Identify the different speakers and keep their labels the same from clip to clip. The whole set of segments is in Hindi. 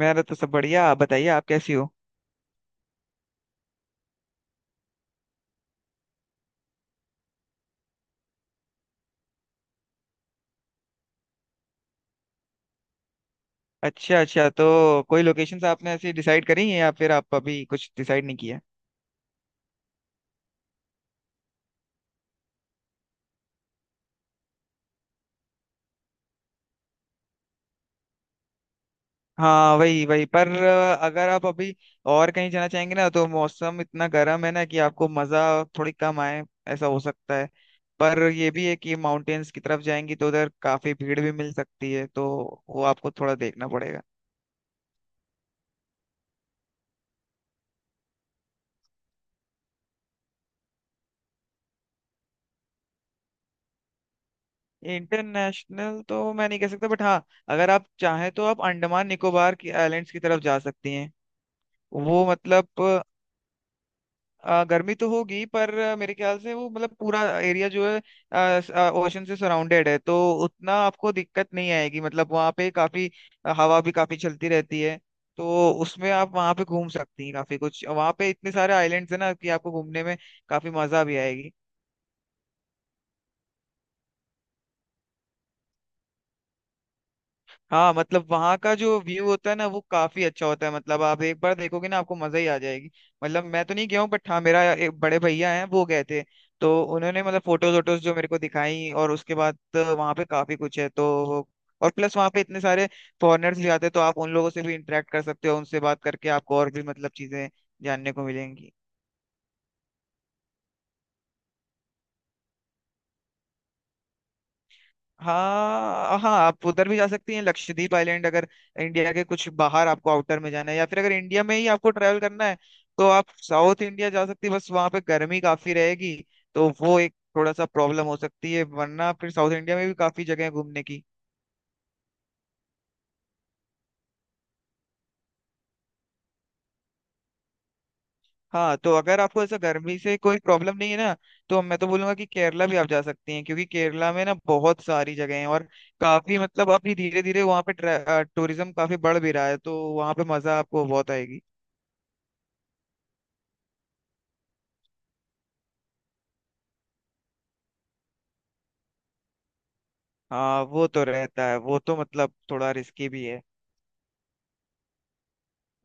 Speaker 1: मेरा तो सब बढ़िया। आप बताइए, आप कैसी हो? अच्छा अच्छा। तो कोई लोकेशंस आपने ऐसी डिसाइड करी हैं या फिर आप अभी कुछ डिसाइड नहीं किया? हाँ, वही वही पर अगर आप अभी और कहीं जाना चाहेंगे ना तो मौसम इतना गर्म है ना कि आपको मज़ा थोड़ी कम आए। ऐसा हो सकता है। पर ये भी है कि माउंटेन्स की तरफ जाएंगी तो उधर काफ़ी भीड़ भी मिल सकती है, तो वो आपको थोड़ा देखना पड़ेगा। इंटरनेशनल तो मैं नहीं कह सकता, बट हाँ, अगर आप चाहें तो आप अंडमान निकोबार की आइलैंड्स की तरफ जा सकती हैं। वो मतलब गर्मी तो होगी, पर मेरे ख्याल से वो मतलब पूरा एरिया जो है ओशन से सराउंडेड है, तो उतना आपको दिक्कत नहीं आएगी। मतलब वहाँ पे काफी हवा भी काफी चलती रहती है, तो उसमें आप वहाँ पे घूम सकती हैं। काफी कुछ वहाँ पे इतने सारे आइलैंड्स हैं ना कि आपको घूमने में काफी मजा भी आएगी। हाँ मतलब वहाँ का जो व्यू होता है ना वो काफी अच्छा होता है। मतलब आप एक बार देखोगे ना आपको मजा ही आ जाएगी। मतलब मैं तो नहीं गया हूँ, बट हाँ, मेरा एक बड़े भैया हैं वो गए थे। तो उन्होंने मतलब फोटोज वोटोज जो मेरे को दिखाई, और उसके बाद तो वहाँ पे काफी कुछ है। तो और प्लस वहाँ पे इतने सारे फॉरेनर्स भी आते हैं, तो आप उन लोगों से भी इंटरेक्ट कर सकते हो। उनसे बात करके आपको और भी मतलब चीजें जानने को मिलेंगी। हाँ हाँ, आप उधर भी जा सकती हैं, लक्षद्वीप आइलैंड। अगर इंडिया के कुछ बाहर आपको आउटर में जाना है या फिर अगर इंडिया में ही आपको ट्रैवल करना है, तो आप साउथ इंडिया जा सकती हैं। बस वहाँ पे गर्मी काफी रहेगी, तो वो एक थोड़ा सा प्रॉब्लम हो सकती है। वरना फिर साउथ इंडिया में भी काफी जगह है घूमने की। हाँ, तो अगर आपको ऐसा गर्मी से कोई प्रॉब्लम नहीं है ना, तो मैं तो बोलूंगा कि केरला भी आप जा सकती हैं, क्योंकि केरला में ना बहुत सारी जगह हैं। और काफी मतलब अभी धीरे धीरे वहाँ पे टूरिज्म काफी बढ़ भी रहा है, तो वहाँ पे मजा आपको बहुत आएगी। हाँ वो तो रहता है, वो तो मतलब थोड़ा रिस्की भी है।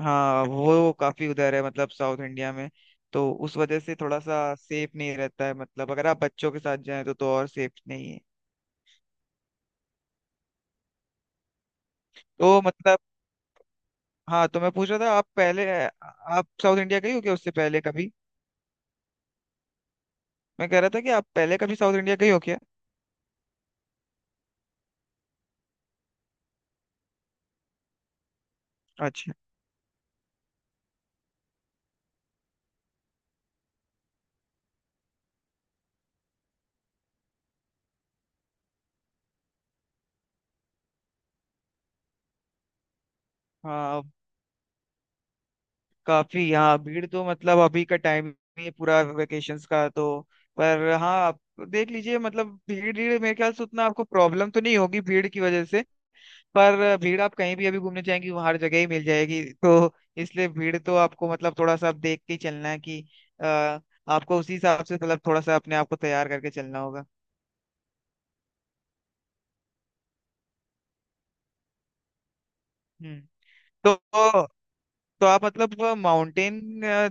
Speaker 1: हाँ वो काफी उधर है मतलब साउथ इंडिया में। तो उस वजह से थोड़ा सा सेफ नहीं रहता है। मतलब अगर आप बच्चों के साथ जाएं तो और सेफ नहीं है। तो मतलब हाँ, तो मैं पूछ रहा था आप पहले आप साउथ इंडिया गई हो क्या उससे पहले कभी? मैं कह रहा था कि आप पहले कभी साउथ इंडिया गई हो क्या? अच्छा। हाँ काफी, हाँ भीड़ तो मतलब अभी का टाइम ही है पूरा वेकेशंस का तो। पर हाँ आप देख लीजिए। मतलब भीड़ भीड़ मेरे ख्याल से उतना आपको प्रॉब्लम तो नहीं होगी भीड़ की वजह से। पर भीड़ आप कहीं भी अभी घूमने जाएंगी वहाँ हर जगह ही मिल जाएगी, तो इसलिए भीड़ तो आपको मतलब थोड़ा सा आप देख के ही चलना है कि अ, आपको उसी हिसाब से मतलब थोड़ा सा अपने आप को तैयार करके चलना होगा। हम्म। तो तो आप मतलब माउंटेन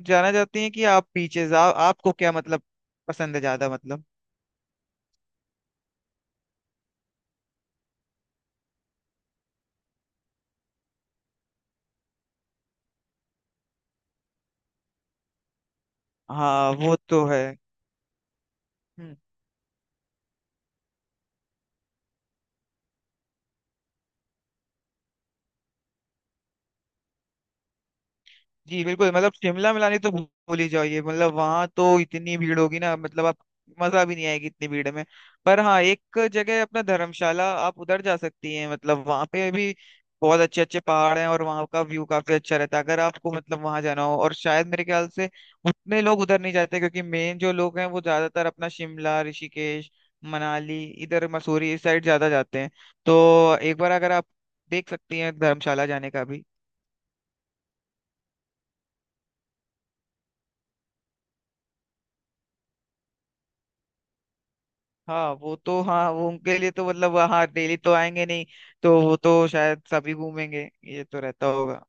Speaker 1: जाना चाहती हैं कि आप बीचेस, आप आपको क्या मतलब पसंद है ज्यादा मतलब? हाँ वो तो है। हम्म। जी बिल्कुल। मतलब शिमला मिलानी तो भूल ही जाइए। मतलब वहां तो इतनी भीड़ होगी ना मतलब आप मजा भी नहीं आएगी इतनी भीड़ में। पर हाँ एक जगह है अपना धर्मशाला, आप उधर जा सकती हैं। मतलब वहां पे भी बहुत अच्छे अच्छे पहाड़ हैं और वहां का व्यू काफी अच्छा रहता है, अगर आपको मतलब वहां जाना हो। और शायद मेरे ख्याल से उतने लोग उधर नहीं जाते, क्योंकि मेन जो लोग हैं वो ज्यादातर अपना शिमला ऋषिकेश मनाली इधर मसूरी इस साइड ज्यादा जाते हैं। तो एक बार अगर आप देख सकती हैं धर्मशाला जाने का भी। हाँ वो तो हाँ वो उनके लिए तो मतलब हाँ डेली तो आएंगे नहीं, तो वो तो शायद सभी घूमेंगे ये तो रहता होगा।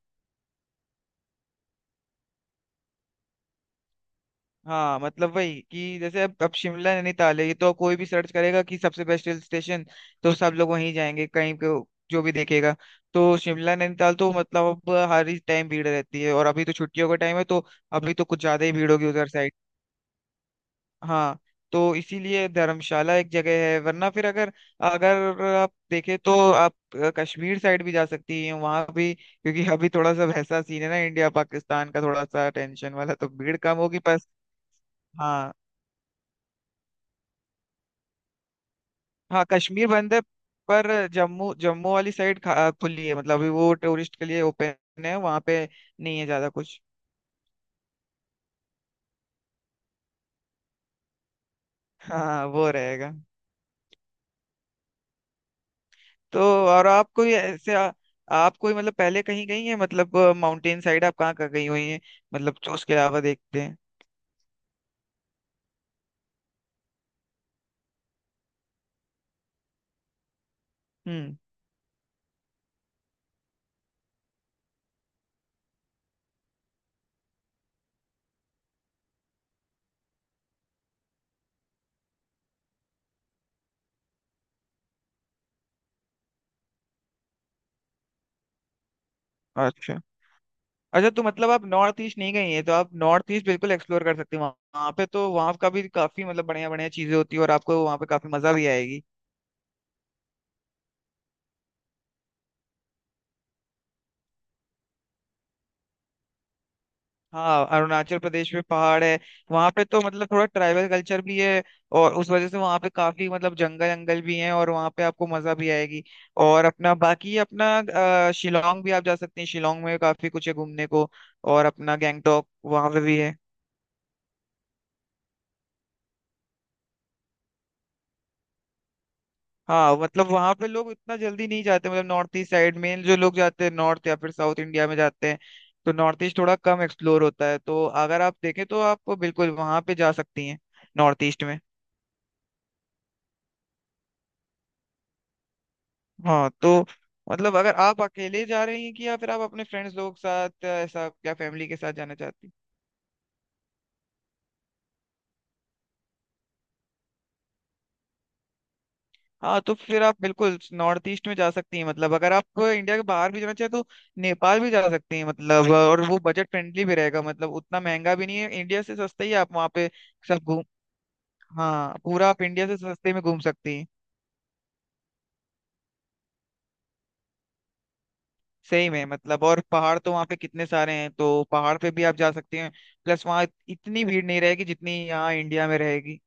Speaker 1: हाँ मतलब वही, कि जैसे अब शिमला नैनीताल है, ये तो कोई भी सर्च करेगा कि सबसे बेस्ट हिल स्टेशन, तो सब लोग वहीं जाएंगे कहीं पे जो भी देखेगा। तो शिमला नैनीताल तो मतलब अब हर ही टाइम भीड़ रहती है, और अभी तो छुट्टियों का टाइम है, तो अभी तो कुछ ज्यादा ही भीड़ होगी उधर साइड। हाँ, तो इसीलिए धर्मशाला एक जगह है। वरना फिर अगर अगर आप देखें तो आप कश्मीर साइड भी जा सकती हैं, वहां भी, क्योंकि अभी थोड़ा सा वैसा सीन है ना इंडिया पाकिस्तान का, थोड़ा सा टेंशन वाला, तो भीड़ कम होगी पर। हाँ। हाँ कश्मीर बंद है। पर जम्मू, जम्मू वाली साइड खुली है। मतलब अभी वो टूरिस्ट के लिए ओपन है। वहां पे नहीं है ज्यादा कुछ। हाँ वो रहेगा। तो और आप कोई ऐसे आप कोई मतलब पहले कहीं गई हैं, मतलब माउंटेन साइड आप कहाँ कहाँ गई हुई हैं, मतलब जो उसके अलावा देखते हैं। हम्म। अच्छा अच्छा। तो मतलब आप नॉर्थ ईस्ट नहीं गई हैं, तो आप नॉर्थ ईस्ट बिल्कुल एक्सप्लोर कर सकते हैं वहाँ वहाँ पे तो वहाँ का भी काफी मतलब बढ़िया बढ़िया चीजें होती है और आपको वहाँ पे काफी मजा भी आएगी। हाँ अरुणाचल प्रदेश में पहाड़ है। वहां पे तो मतलब थोड़ा ट्राइबल कल्चर भी है, और उस वजह से वहां पे काफी मतलब जंगल जंगल भी हैं, और वहां पे आपको मजा भी आएगी। और अपना बाकी अपना शिलोंग भी आप जा सकते हैं। शिलोंग में काफी कुछ है घूमने को। और अपना गैंगटॉक वहां पे भी है। हाँ मतलब वहां पे लोग इतना जल्दी नहीं जाते। मतलब नॉर्थ ईस्ट साइड में जो लोग जाते हैं नॉर्थ या फिर साउथ इंडिया में जाते हैं, तो नॉर्थ ईस्ट थोड़ा कम एक्सप्लोर होता है। तो अगर आप देखें तो आप बिल्कुल वहां पे जा सकती हैं, नॉर्थ ईस्ट में। हाँ तो मतलब अगर आप अकेले जा रही हैं कि या फिर आप अपने फ्रेंड्स लोग के साथ या ऐसा क्या फैमिली के साथ जाना चाहती हैं? हाँ तो फिर आप बिल्कुल नॉर्थ ईस्ट में जा सकती हैं। मतलब अगर आप इंडिया के बाहर भी जाना चाहें तो नेपाल भी जा सकती हैं। मतलब और वो बजट फ्रेंडली भी रहेगा, मतलब उतना महंगा भी नहीं है, इंडिया से सस्ता ही है। आप वहाँ पे सब घूम, हाँ पूरा आप इंडिया से सस्ते में घूम सकती हैं। सही में मतलब और पहाड़ तो वहाँ पे कितने सारे हैं, तो पहाड़ पे भी आप जा सकती हैं। प्लस वहाँ इतनी भीड़ नहीं रहेगी जितनी यहाँ इंडिया में रहेगी।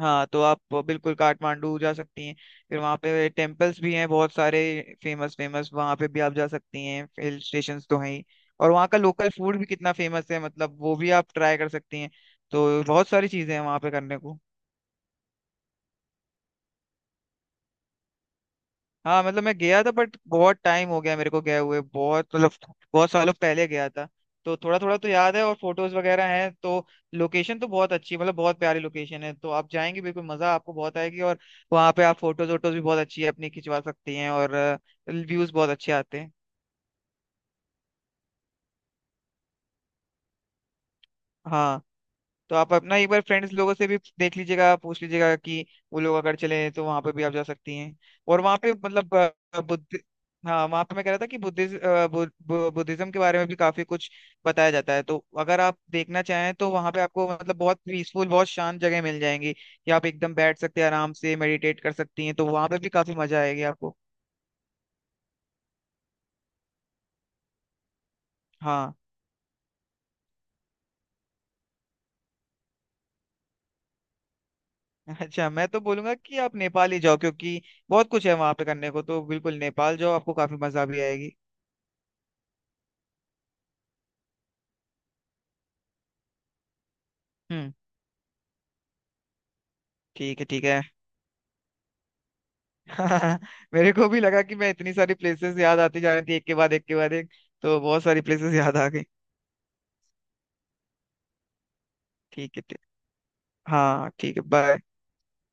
Speaker 1: हाँ तो आप बिल्कुल काठमांडू जा सकती हैं। फिर वहाँ पे टेम्पल्स भी हैं बहुत सारे, फेमस फेमस। वहाँ पे भी आप जा सकती हैं, हिल स्टेशंस तो हैं ही। और वहाँ का लोकल फूड भी कितना फेमस है, मतलब वो भी आप ट्राई कर सकती हैं। तो बहुत सारी चीज़ें हैं वहाँ पे करने को। हाँ मतलब मैं गया था, बट बहुत टाइम हो गया मेरे को गए हुए, बहुत मतलब बहुत सालों पहले गया था। तो थोड़ा थोड़ा तो याद है, और फोटोज वगैरह हैं तो लोकेशन तो बहुत अच्छी, मतलब बहुत प्यारी लोकेशन है। तो आप जाएंगे बिल्कुल, मजा आपको बहुत आएगी। और वहाँ पे आप फोटोज वोटोज भी बहुत अच्छी अपनी खिंचवा सकती हैं, और व्यूज बहुत अच्छे आते हैं। हाँ तो आप अपना एक बार फ्रेंड्स लोगों से भी देख लीजिएगा, पूछ लीजिएगा कि वो लोग अगर चले तो वहां पे भी आप जा सकती हैं। और वहां पे मतलब बुद्ध, हाँ वहां पे मैं कह रहा था कि बुद्धिज्म बुद्धिज्म के बारे में भी काफी कुछ बताया जाता है। तो अगर आप देखना चाहें तो वहां पे आपको मतलब बहुत पीसफुल, बहुत शांत जगह मिल जाएंगी कि आप एकदम बैठ सकते हैं आराम से, मेडिटेट कर सकती हैं। तो वहां पे भी काफी मजा आएगी आपको। हाँ। अच्छा, मैं तो बोलूंगा कि आप नेपाल ही जाओ, क्योंकि बहुत कुछ है वहां पे करने को। तो बिल्कुल नेपाल जाओ, आपको काफी मजा भी आएगी। हम्म। ठीक है, ठीक है। मेरे को भी लगा कि मैं, इतनी सारी प्लेसेस याद आती जा रही थी, एक के बाद एक के बाद एक, तो बहुत सारी प्लेसेस याद आ गई। ठीक है ठीक। हाँ ठीक है, बाय।